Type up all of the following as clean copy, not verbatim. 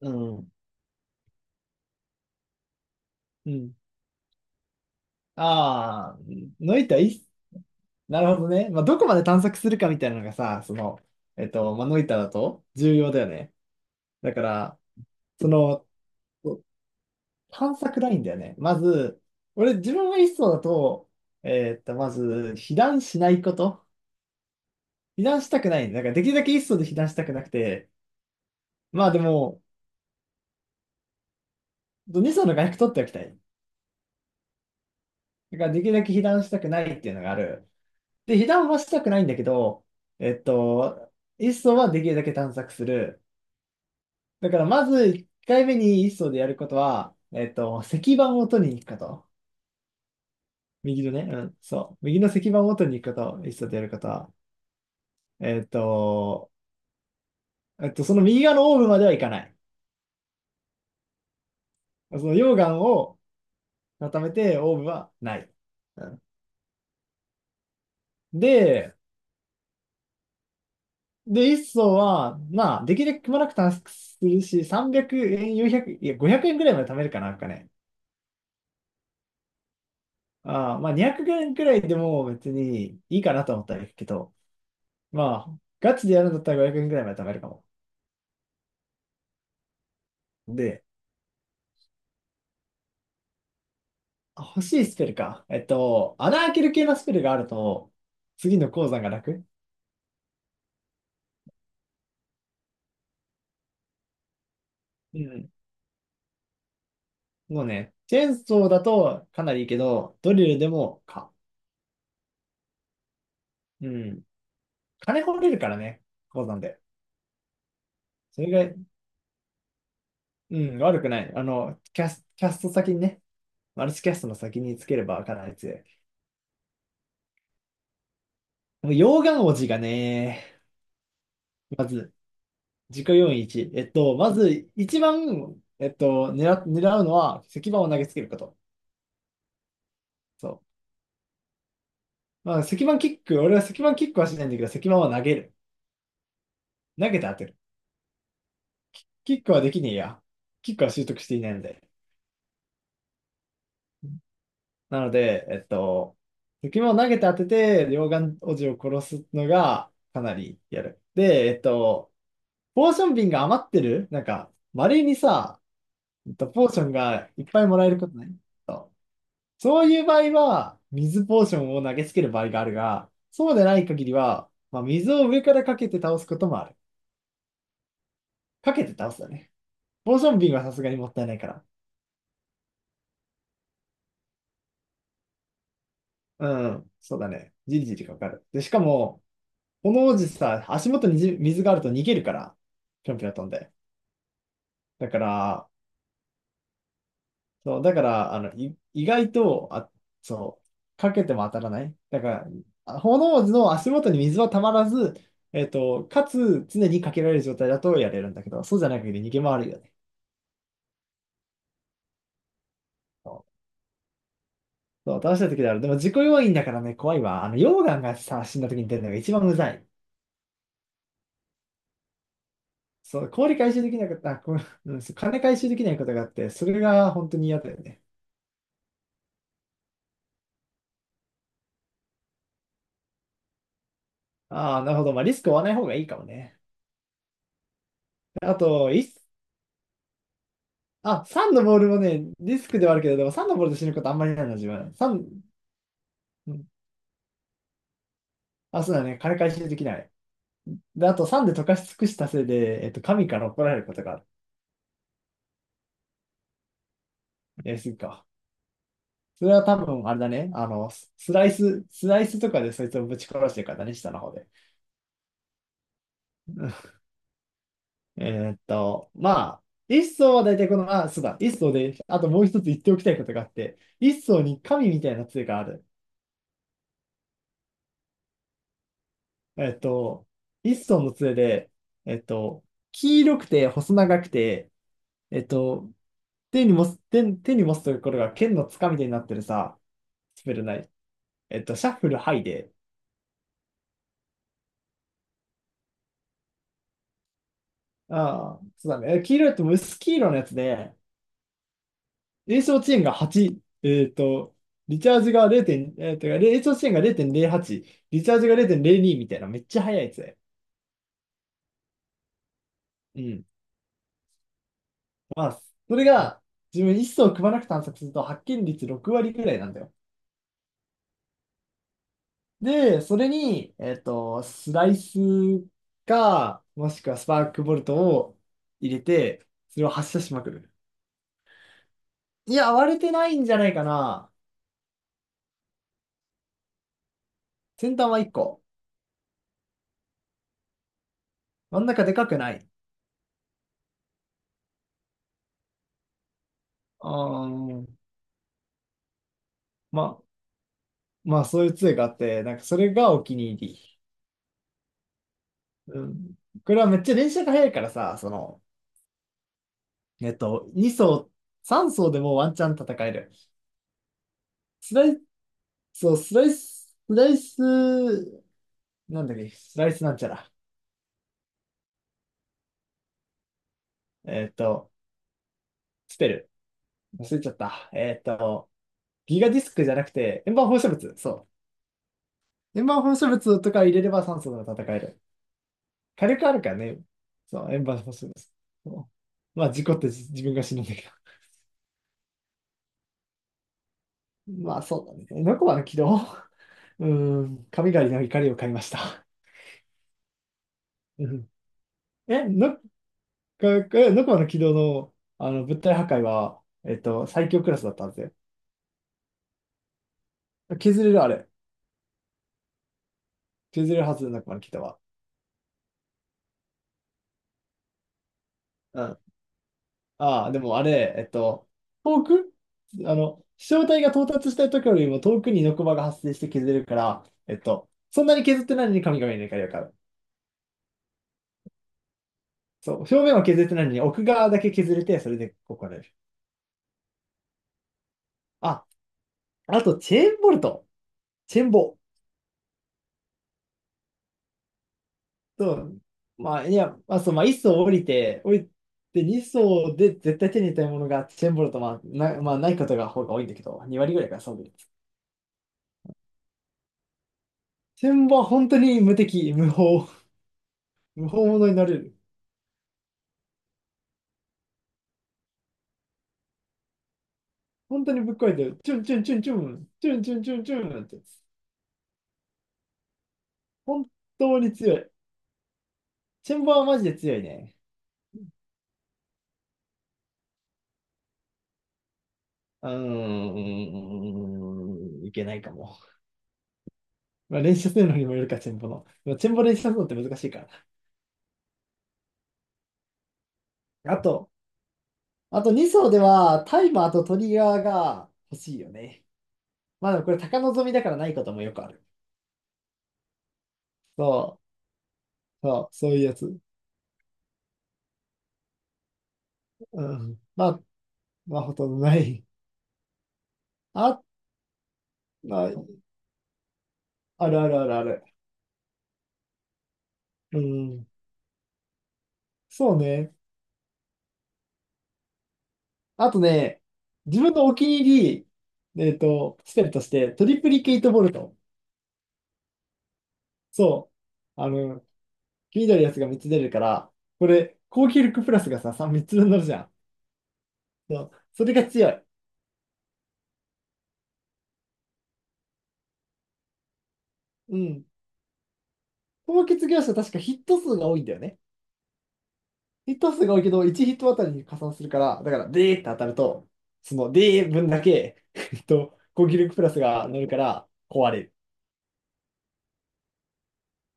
うん。うん。ああ、のいたいいっす、なるほどね。まあ、どこまで探索するかみたいなのがさ、まあ、ノイタだと重要だよね。だから、その、探索ラインだよね。まず、俺、自分が一層だと、まず、避難しないこと。避難したくない。だから、できるだけ一層で避難したくなくて、まあでも、二層の外角取っておきたい。だから、できるだけ避難したくないっていうのがある。で、被弾はしたくないんだけど、えっと、一層はできるだけ探索する。だから、まず1回目に一層でやることは、石板を取りに行くこと。右のね、うん、そう。右の石板を取りに行くこと、一層でやることは。えっと、その右側のオーブまでは行かない。その溶岩を固めてオーブはない。うん、で、で、一層は、まあ、できるだけくまなく探索するし、300円、400、いや、500円ぐらいまで貯めるかな、なんかね。ああ、まあ200円くえんくらいでも別にいいかなと思ったらいいけど、まあ、ガチでやるんだったら500円くえんくらいまで貯めるかも。で、あ欲しいスペルか。穴開ける系のスペルがあると、次の鉱山が楽。うん。もうね、チェーンソーだとかなりいいけど、ドリルでもか。うん。金掘れるからね、鉱山で。それが、うん、悪くない。あの、キャスト先にね、マルチキャストの先につければかなり強い。もう溶岩王子がね、まず自己要因1。まず、一番、狙うのは、石板を投げつけること。そう。まあ、石板キック、俺は石板キックはしないんだけど、石板は投げる。投げて当てる。キックはできねえや。キックは習得していないので。なので、石板を投げて当てて、両眼おじを殺すのが、かなりやる。で、ポーション瓶が余ってるなんか、稀にさ、えっとポーションがいっぱいもらえることない？そういう場合は、水ポーションを投げつける場合があるが、そうでない限りは、まあ、水を上からかけて倒すこともある。かけて倒すだね。ポーション瓶はさすがにもったいないから。うん、そうだね。じりじりかかる。で、しかも、この王子さ、足元にじ水があると逃げるから、ぴょんぴょん飛んで。だから、そう、だから、あの、意外と、そう、かけても当たらない。だから、あ炎の足元に水はたまらず、かつ、常にかけられる状態だとやれるんだけど、そうじゃない限り逃げ回るよね。そそう倒した時である。でも、自己要因だからね、怖いわ。あの、溶岩がさ、死んだ時に出るのが一番うざい。そう、氷回収できなかった、あこう、うんそう金回収できないことがあって、それが本当に嫌だよね。ああ、なるほど。まあ、リスクを負わない方がいいかもね。あと、一あ、サンのボールもね、リスクではあるけど、でも3のボールで死ぬことあんまりないな、自分。3、うん。あ、そうだね。金回収できない。で、あとサンで溶かし尽くしたせいで、神から怒られることがある。やりすぎか。それは多分、あれだね。あの、スライスとかでそいつをぶち殺してるからね、下の方で。まあ、一層は大体この、あ、そうだ、一層で、あともう一つ言っておきたいことがあって、一層に神みたいな杖がある。えっと、一層の杖で、えっと、黄色くて細長くて、えっと、手に持つところが剣のつかみ手になってるさ、スペルない。シャッフルハイで、ああ、そうだね。え黄色いと薄黄色のやつで、炎症遅延が8、リチャージが0点、炎症遅延が0.08、リチャージが0.02みたいな、めっちゃ速いやつで。うん。まあ、それが、自分一層組まなく探索すると発見率6割ぐらいなんだよ。で、それに、スライスか、もしくはスパークボルトを入れて、それを発射しまくる。いや、割れてないんじゃないかな。先端は1個。真ん中でかくない。あー、まあ、まあ、そういう杖があって、なんかそれがお気に入り。うん。これはめっちゃ連射が速いからさ、2層、3層でもワンチャン戦える。スライス、スライス、なんだっけ、スライスなんちゃら。えっと、捨てる。忘れちゃった。ギガディスクじゃなくて、円盤放射物。そう。円盤放射物とか入れれば酸素が戦える。火力あるからね。そう、円盤放射物。そうまあ、事故って自分が死ぬんだけど。まあ、そうだね。ノコマの軌道。うーん、神狩りの怒りを買いました。うんえ、ノノコマの軌道の、あの物体破壊は、最強クラスだったんですよ。削れるあれ。削れるはず、ノコマの軌道は。うんああ、でもあれ、遠くあの、飛翔体が到達した時よりも遠くにノコバが発生して削れるから、そんなに削ってないのに神々の怒りを買う。そう、表面は削ってないのに奥側だけ削れて、それで怒られる。あ、あと、チェーンボルト。チェーンボ。そう。まあ、1層降りて2層で絶対手に入れたいものがチェーンボルト、まあ、ないことが方が多いんだけど、2割ぐらいからそうです。チェーンボは本当に無敵、無法、無法者になれる。本当にぶっ壊れてる。チュンチュンチュンチュン、チュンチュンチュンチュンって。本当に強い。チェンバーはマジで強いね。うーん、いけないかも。まあ、練習するのにもよるか、チェンボの。まあチェンボ練習するのって難しいから。あと、あと2層ではタイマーとトリガーが欲しいよね。まあでもこれ高望みだからないこともよくある。そそう、そういうやつ。うん。まあほとんどない。あ、まあ、あるあるあるある。うん。そうね。あとね、自分のお気に入り、スペルとして、トリプリケイトボルト。そう。あの、気になるやつが3つ出るから、これ、高級力プラスがさ、3、みっつ分乗るじゃん。そう。それが強い。うん。高結業者確かヒット数が多いんだよね。ヒット数が多いけど、1ヒットあたりに加算するから、だから、でーって当たると、その、でー分だけ、高級力プラスが乗るから、壊れる。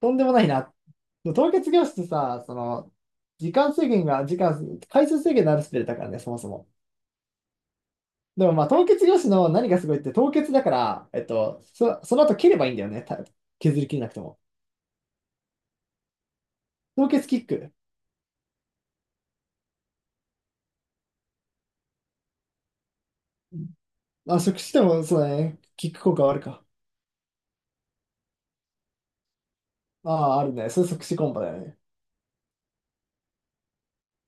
とんでもないな。凍結教室さ、その、時間、回数制限のあるスペルだからね、そもそも。でもまあ、凍結教師の何がすごいって、凍結だから、その後蹴ればいいんだよね。た削り切れなくても。凍結キック。まあ、即死でも、そうだね。キック効果はあるか。ああ、あるね。それ即死コンボだよね。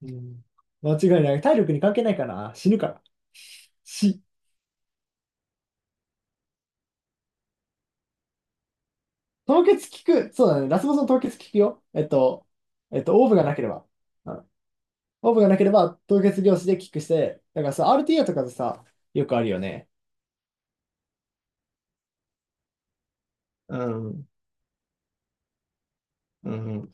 うん。間違いない。体力に関係ないかな。死ぬから。死。凍結キック。そうだね。ラスボスの凍結キックよ。オーブがなければ。うんオーブがなければ凍結量子でキックして、だからさ、RTA とかでさ、よくあるよね。うん。うん。